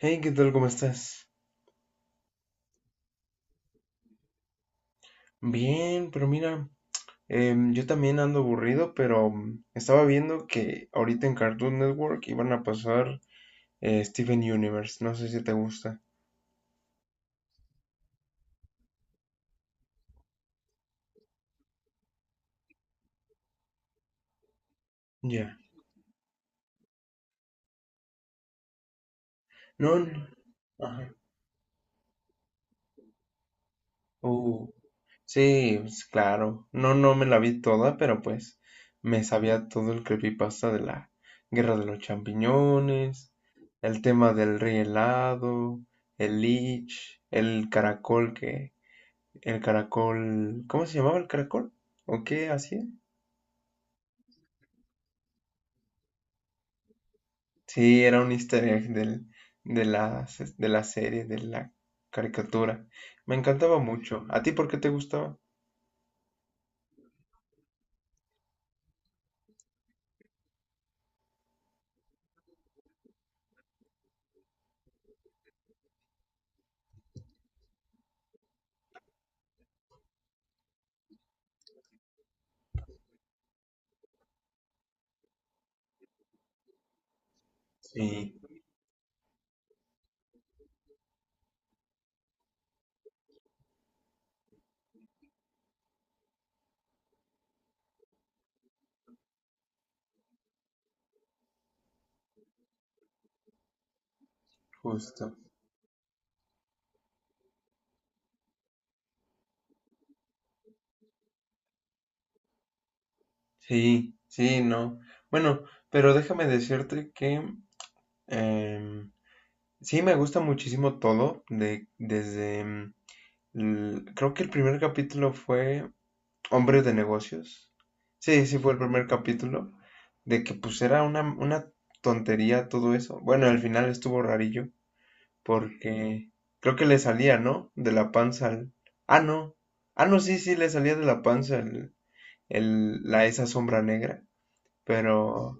Hey, ¿qué tal? ¿Cómo estás? Bien, pero mira, yo también ando aburrido, pero estaba viendo que ahorita en Cartoon Network iban a pasar Steven Universe. No sé si te gusta. Ya. No, no. Ajá. Uh, sí, pues, claro. No, no me la vi toda, pero pues me sabía todo el creepypasta de la Guerra de los Champiñones, el tema del rey helado, el Lich, el caracol. ¿Cómo se llamaba el caracol? ¿O qué hacía? Sí, era un easter egg de la, de la serie, de la caricatura. Me encantaba mucho. ¿A ti por qué te gustaba? Sí, justo. Sí, sí, no. Bueno, pero déjame decirte que em, sí me gusta muchísimo todo. Desde, creo que el primer capítulo fue Hombres de negocios. Sí, sí fue el primer capítulo. De que pues era una tontería todo eso. Bueno, al final estuvo rarillo. Porque creo que le salía, ¿no? De la panza al... Ah, no. Ah, no, sí, sí, le salía de la panza esa sombra negra. Pero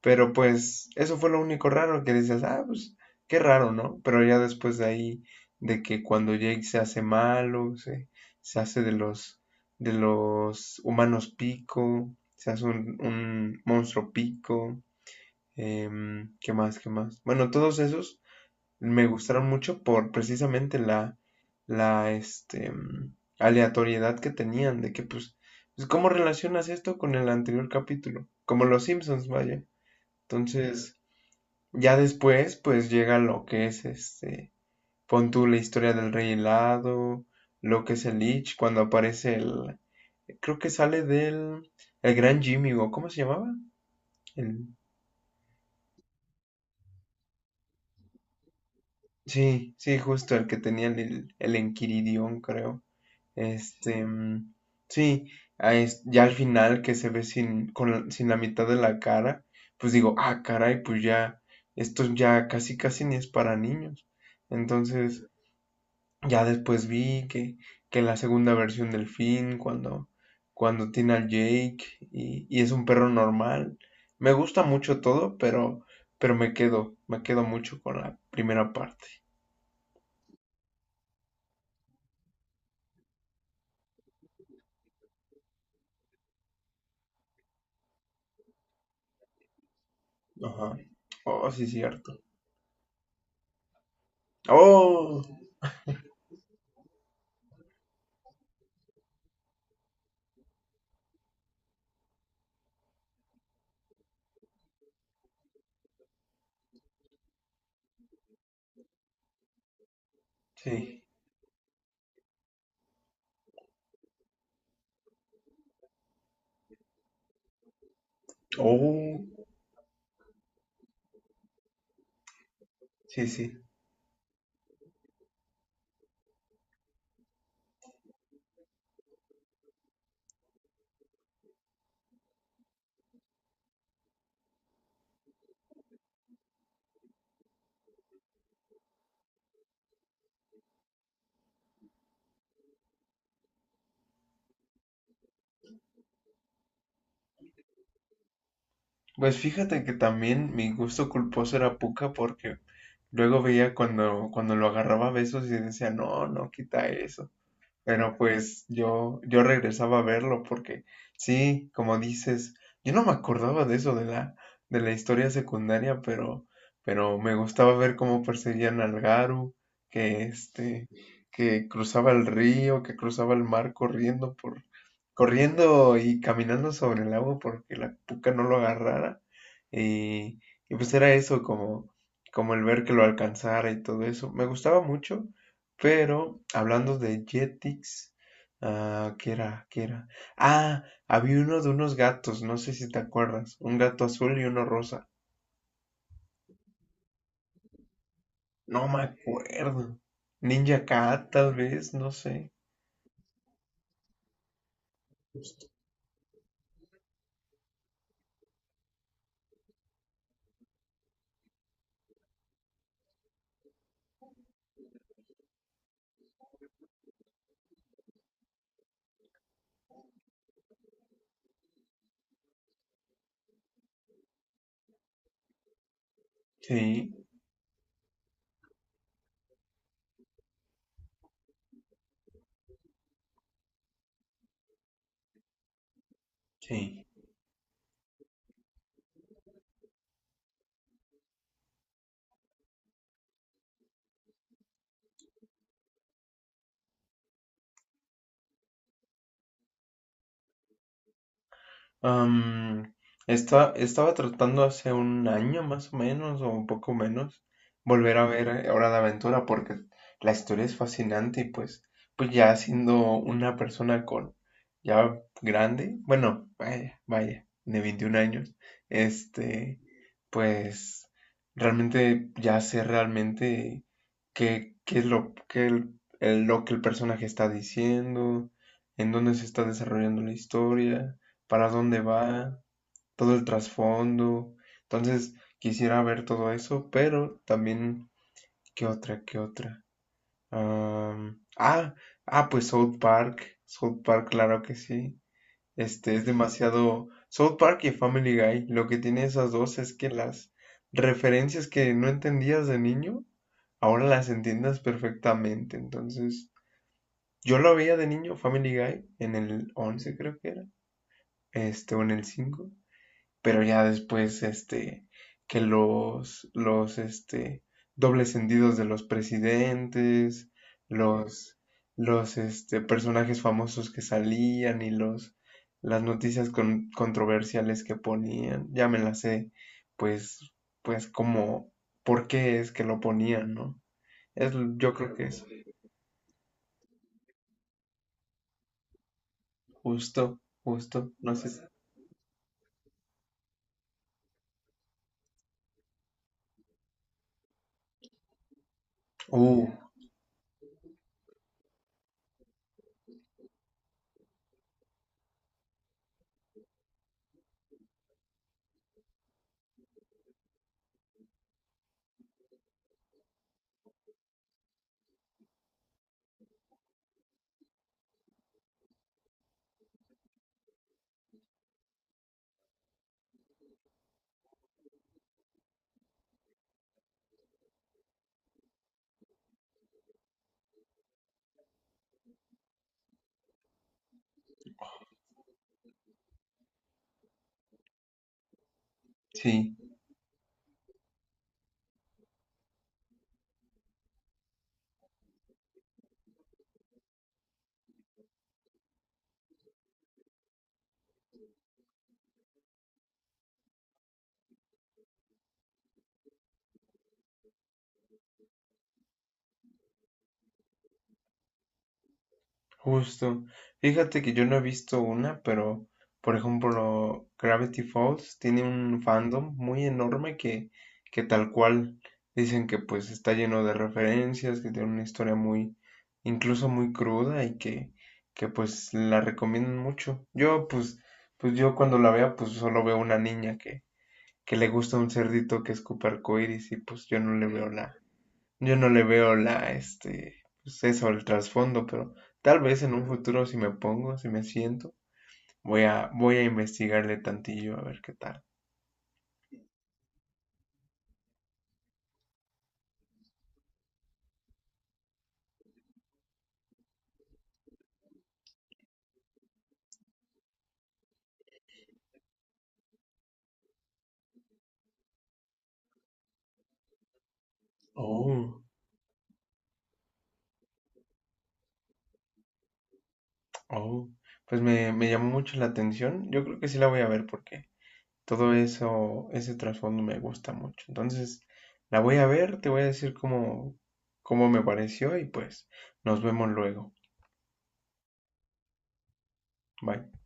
pero pues eso fue lo único raro que dices, ah, pues qué raro, ¿no? Pero ya después de ahí, de que cuando Jake se hace malo, se hace de los humanos pico, se hace un monstruo pico, ¿qué más, qué más? Bueno, todos esos me gustaron mucho por precisamente la, este, aleatoriedad que tenían, de que pues, ¿cómo relacionas esto con el anterior capítulo? Como los Simpsons, vaya. Entonces... Ya después, pues llega lo que es este, pon tú la historia del Rey Helado, lo que es el Lich, cuando aparece creo que sale el Gran Jimmy, o ¿cómo se llamaba? El, sí, sí, justo el que tenía el Enquiridión, creo. Este, sí, ya al final que se ve sin la mitad de la cara, pues digo, ah, caray, pues ya, esto ya casi casi ni es para niños. Entonces, ya después vi que la segunda versión del Finn, cuando tiene al Jake y es un perro normal. Me gusta mucho todo, pero me quedo mucho con la primera parte. Ajá. Oh, sí, cierto. Oh, sí. Oh, sí, sí. Pues fíjate que también mi gusto culposo era Puka porque luego veía cuando lo agarraba a besos y decía, no, no, quita eso. Pero pues yo regresaba a verlo porque sí, como dices, yo no me acordaba de eso de la historia secundaria, pero me gustaba ver cómo perseguían al Garu, que este, que cruzaba el río, que cruzaba el mar corriendo y caminando sobre el agua porque la puca no lo agarrara. Y, y pues era eso, como el ver que lo alcanzara y todo eso. Me gustaba mucho. Pero hablando de Jetix, ah, ¿qué era? ¿Qué era? Ah, había uno de unos gatos, no sé si te acuerdas. Un gato azul y uno rosa. No me acuerdo. Ninja Cat, tal vez, no sé. Sí, sí. Am, estaba tratando hace un año más o menos, o un poco menos, volver a ver Hora de Aventura porque la historia es fascinante y pues ya siendo una persona con ya grande, bueno, vaya, vaya, de 21 años, este, pues realmente ya sé realmente qué es lo que lo que el personaje está diciendo, en dónde se está desarrollando la historia, para dónde va, todo el trasfondo. Entonces, quisiera ver todo eso, pero también, ¿qué otra? ¿Qué otra? Am, ah, pues South Park. South Park, claro que sí. Este es demasiado. South Park y Family Guy. Lo que tiene esas dos es que las referencias que no entendías de niño, ahora las entiendes perfectamente. Entonces, yo lo veía de niño, Family Guy, en el 11 creo que era. Este, o en el cinco, pero ya después, este, que los, este, dobles sentidos de los presidentes, los, los, este, personajes famosos que salían y los, las noticias controversiales que ponían, ya me las sé, pues, pues como, ¿por qué es que lo ponían, no? Yo creo que es justo, justo, no sé. Uh, sí. Justo. Fíjate que yo no he visto una, pero por ejemplo, Gravity Falls tiene un fandom muy enorme que tal cual dicen que pues está lleno de referencias, que tiene una historia muy, incluso muy cruda y que pues la recomiendan mucho. Yo pues yo cuando la vea pues solo veo una niña que le gusta un cerdito que escupe arcoíris y pues yo no le veo la, este, pues eso, el trasfondo, pero tal vez en un futuro si me pongo, si me siento, voy a investigarle tantillo a ver qué tal. Oh, oh, pues me llamó mucho la atención. Yo creo que sí la voy a ver porque todo eso, ese trasfondo me gusta mucho. Entonces, la voy a ver, te voy a decir cómo me pareció y pues nos vemos luego. Bye.